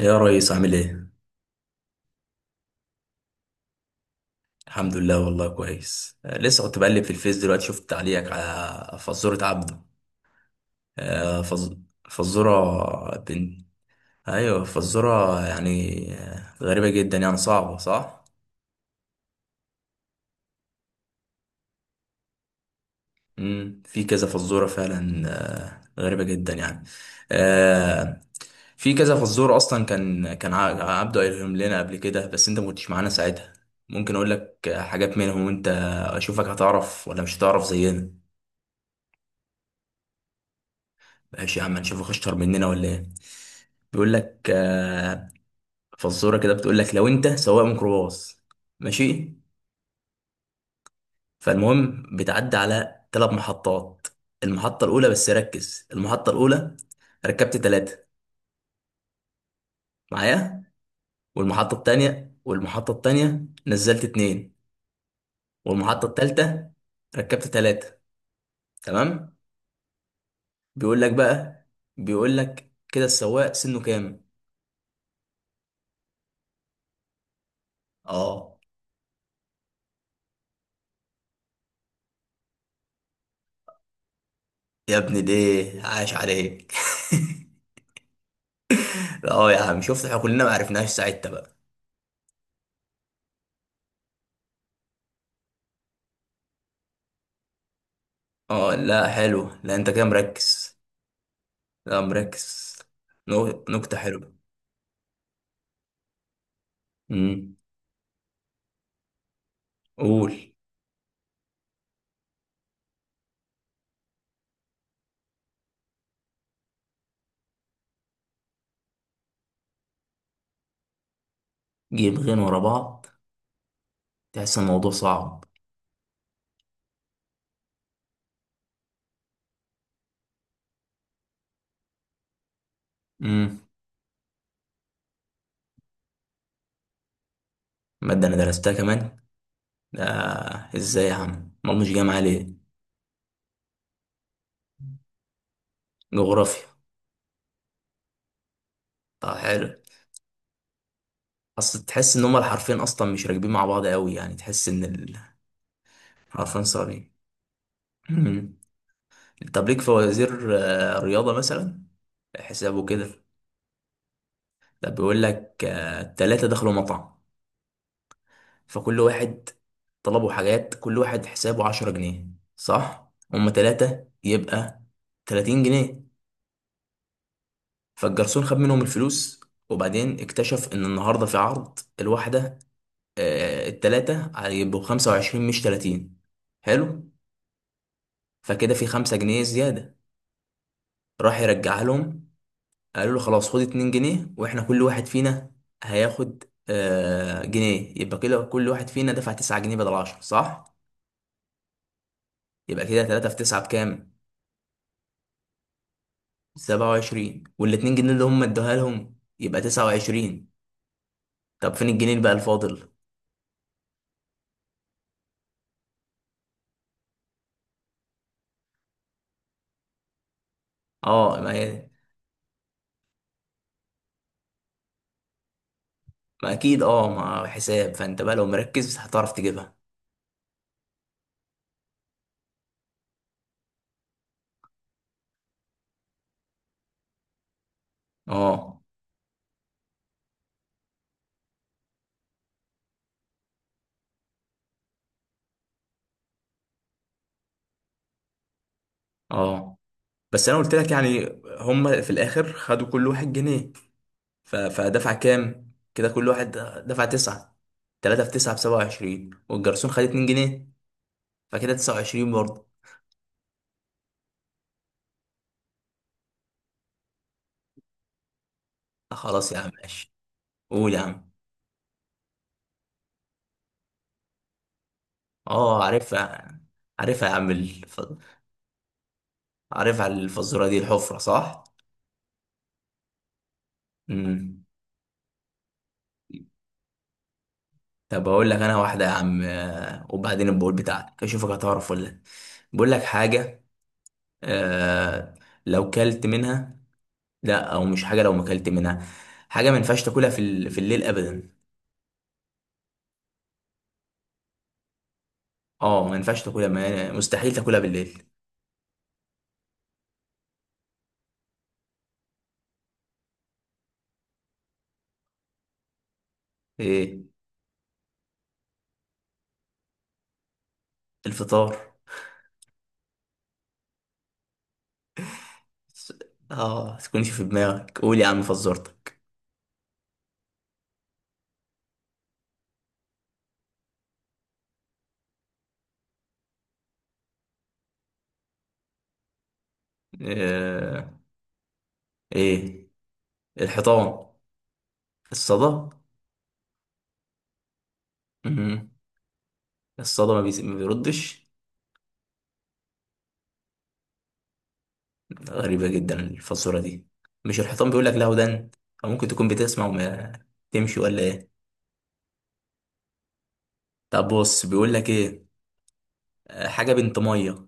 يا ريس عامل ايه؟ الحمد لله والله كويس، لسه كنت بقلب في الفيس دلوقتي، شفت تعليقك على فزورة عبده. آه، فز... فزورة بنت. ايوه فزورة، يعني غريبة جدا، يعني صعبة صح؟ مم. في كذا فزورة فعلا. غريبة جدا يعني. آه، في كذا فزورة اصلا. كان عبده قايلهم لنا قبل كده، بس انت ما كنتش معانا ساعتها. ممكن اقول لك حاجات منهم، وانت اشوفك هتعرف ولا مش هتعرف زينا. ماشي يا عم، نشوفك اشطر مننا ولا ايه. بيقول لك فزوره كده بتقول لك، لو انت سواق ميكروباص ماشي، فالمهم بتعدي على 3 محطات. المحطه الاولى، بس ركز، المحطه الاولى ركبت ثلاثه معايا، والمحطه الثانيه، والمحطه الثانيه نزلت اتنين، والمحطه الثالثه ركبت ثلاثه، تمام. بيقول لك بقى، بيقول لك كده السواق سنه كام. اه يا ابني ده، عاش عليك. اه يا عم، شفت احنا كلنا ما عرفناش ساعتها بقى. اه لا حلو، لا انت كده مركز. لا، مركز. نكتة حلوة. امم. قول. جيبين ورا بعض، تحس الموضوع صعب. امم. مادة انا درستها كمان؟ ده ازاي يا عم، ما مش جاي معايا ليه. جغرافيا. طب حلو. اصل تحس ان هما الحرفين اصلا مش راكبين مع بعض قوي، يعني تحس ان الحرفين صعبين. امم. طب ليك فوازير رياضة مثلا، حسابه كده. ده بيقول لك التلاتة دخلوا مطعم، فكل واحد طلبوا حاجات، كل واحد حسابه 10 جنيه، صح؟ هما تلاتة، يبقى 30 جنيه. فالجرسون خد منهم الفلوس، وبعدين اكتشف إن النهاردة في عرض الواحدة. التلاتة هيبقوا 25 مش تلاتين، حلو؟ فكده في 5 جنيه زيادة، راح يرجعها لهم. قالوا له خلاص خد 2 جنيه، واحنا كل واحد فينا هياخد آه جنيه. يبقى كده كل واحد فينا دفع 9 جنيه بدل 10، صح؟ يبقى كده 3 في 9 بكام. 27 وال 2 جنيه اللي هم ادوها لهم، يبقى 29. طب فين الجنيه اللي بقى الفاضل. اه ما هي، ما اكيد، اه ما حساب، فانت بقى لو مركز هتعرف تجيبها. اه، اه. بس انا قلت لك يعني، هم في الاخر خدوا كل واحد جنيه، فدفع كام كده كل واحد، دفع 9. 3 في 9 ب 27، والجرسون خد 2 جنيه، فكده 29 برضه. خلاص يا عم ماشي. قول يا عم. اه عارفها. عارفها يا عم، عارفها الفزورة دي، الحفرة صح؟ امم. طب هقول لك انا واحدة يا عم، وبعدين البقول بتاعتك اشوفك هتعرف ولا لا. بقول لك حاجة، آه... لو كلت منها، لا او مش حاجة، لو ما كلت منها حاجة، ما ينفعش تاكلها في في الليل ابدا. اه ما ينفعش تاكلها، ما... مستحيل تاكلها بالليل. ايه، الفطار. س- اه تكونش في دماغك، قول يا عم فزورتك. آه... ايه، الحيطان، الصدى. مم. الصدى ما بيردش. غريبة جدا الفزورة دي. مش الحيطان، بيقول لك لا ودن، او ممكن تكون بتسمع وما تمشي، ولا ايه. طب بص بيقول لك ايه، حاجة بنت مية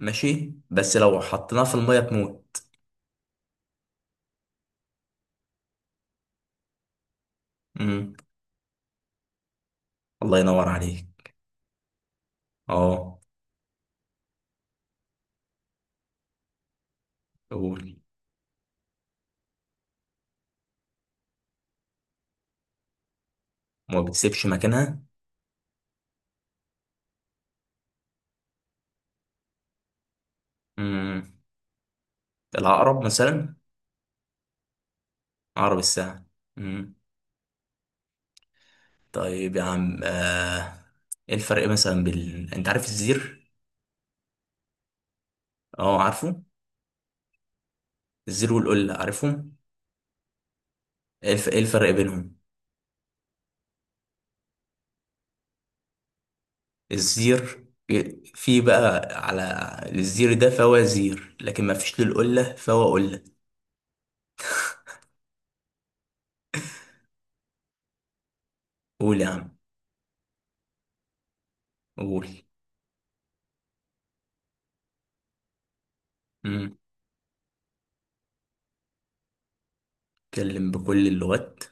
ماشي، بس لو حطيناها في المية تموت. مم. الله ينور عليك. اه. قول. وما بتسيبش مكانها. مم. العقرب مثلا، عقرب الساعة. مم. طيب يا عم، ايه الفرق مثلا، بال انت عارف الزير. اه عارفه. الزير والقلة عارفهم. إيه الفرق بينهم؟ الزير إيه، في بقى على الزير ده فهو زير، لكن ما فيش للقلة فهو قلة. قول يا عم. قول. مم. بيتكلم بكل اللغات،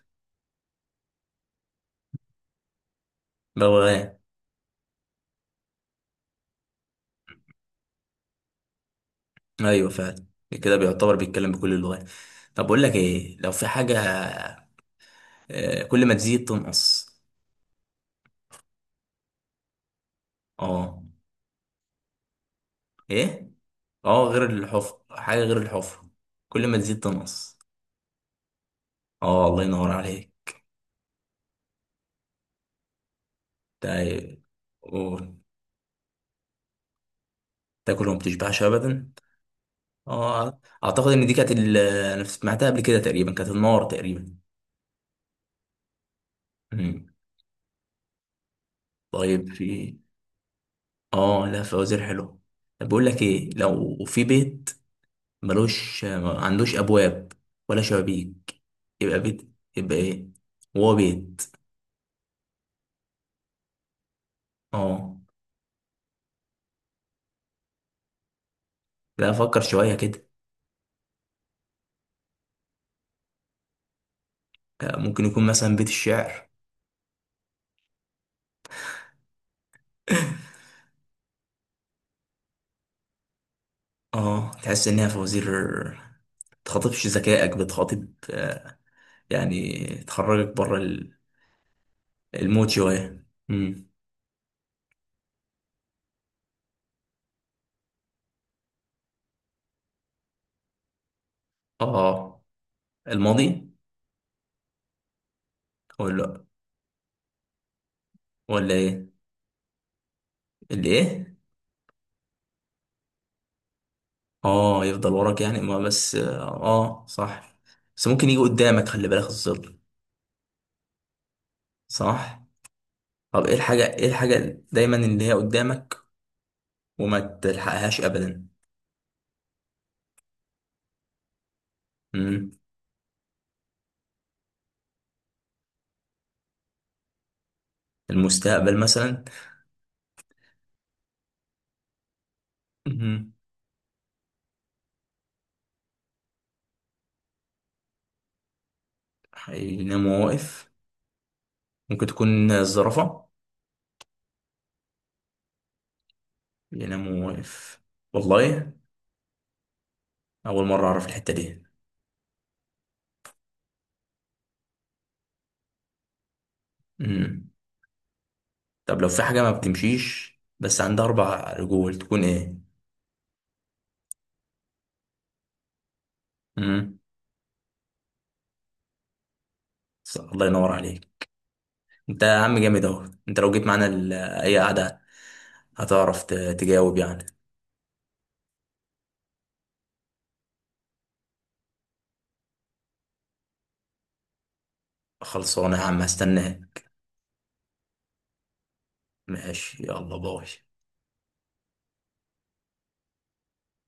بغبغان. ايوه فعلا، كده بيعتبر بيتكلم بكل اللغات. طب اقول لك ايه، لو في حاجة كل ما تزيد تنقص. اه. ايه، اه غير الحفر، حاجة غير الحفر، كل ما تزيد تنقص. اه الله ينور عليك. تا- و- تاكل وما بتشبعش ابدا. اه اعتقد ان دي كانت انا سمعتها قبل كده تقريبا، كانت النار تقريبا. مم. طيب في. اه لا فوازير حلو. طب بقول لك ايه، لو في بيت ملوش، ما عندوش ابواب ولا شبابيك، يبقى بيت، يبقى ايه، هو بيت. اه لا، فكر شوية كده. ممكن يكون مثلا بيت الشعر. اه تحس انها فوازير، تخاطبش ذكائك، بتخاطب يعني تخرجك بره المود شوية. امم. اه الماضي. ولا، ولا ايه. اللي ايه. اه يفضل وراك يعني، ما بس اه صح. بس ممكن يجي قدامك، خلي بالك، الظل. صح. طب ايه الحاجة، ايه الحاجة دايما اللي هي قدامك، وما تلحقهاش ابدا. امم. المستقبل مثلا. امم. حينام وهو واقف، ممكن تكون الزرافة، ينام واقف. والله. أول مرة أعرف الحتة دي. مم. طب لو في حاجة ما بتمشيش، بس عندها أربع رجول، تكون إيه؟ مم. الله ينور عليك. أنت يا عم جامد أهو، أنت لو جيت معانا أي قعدة هتعرف تجاوب يعني. خلصانة يا عم، هستناك. ماشي يلا باي.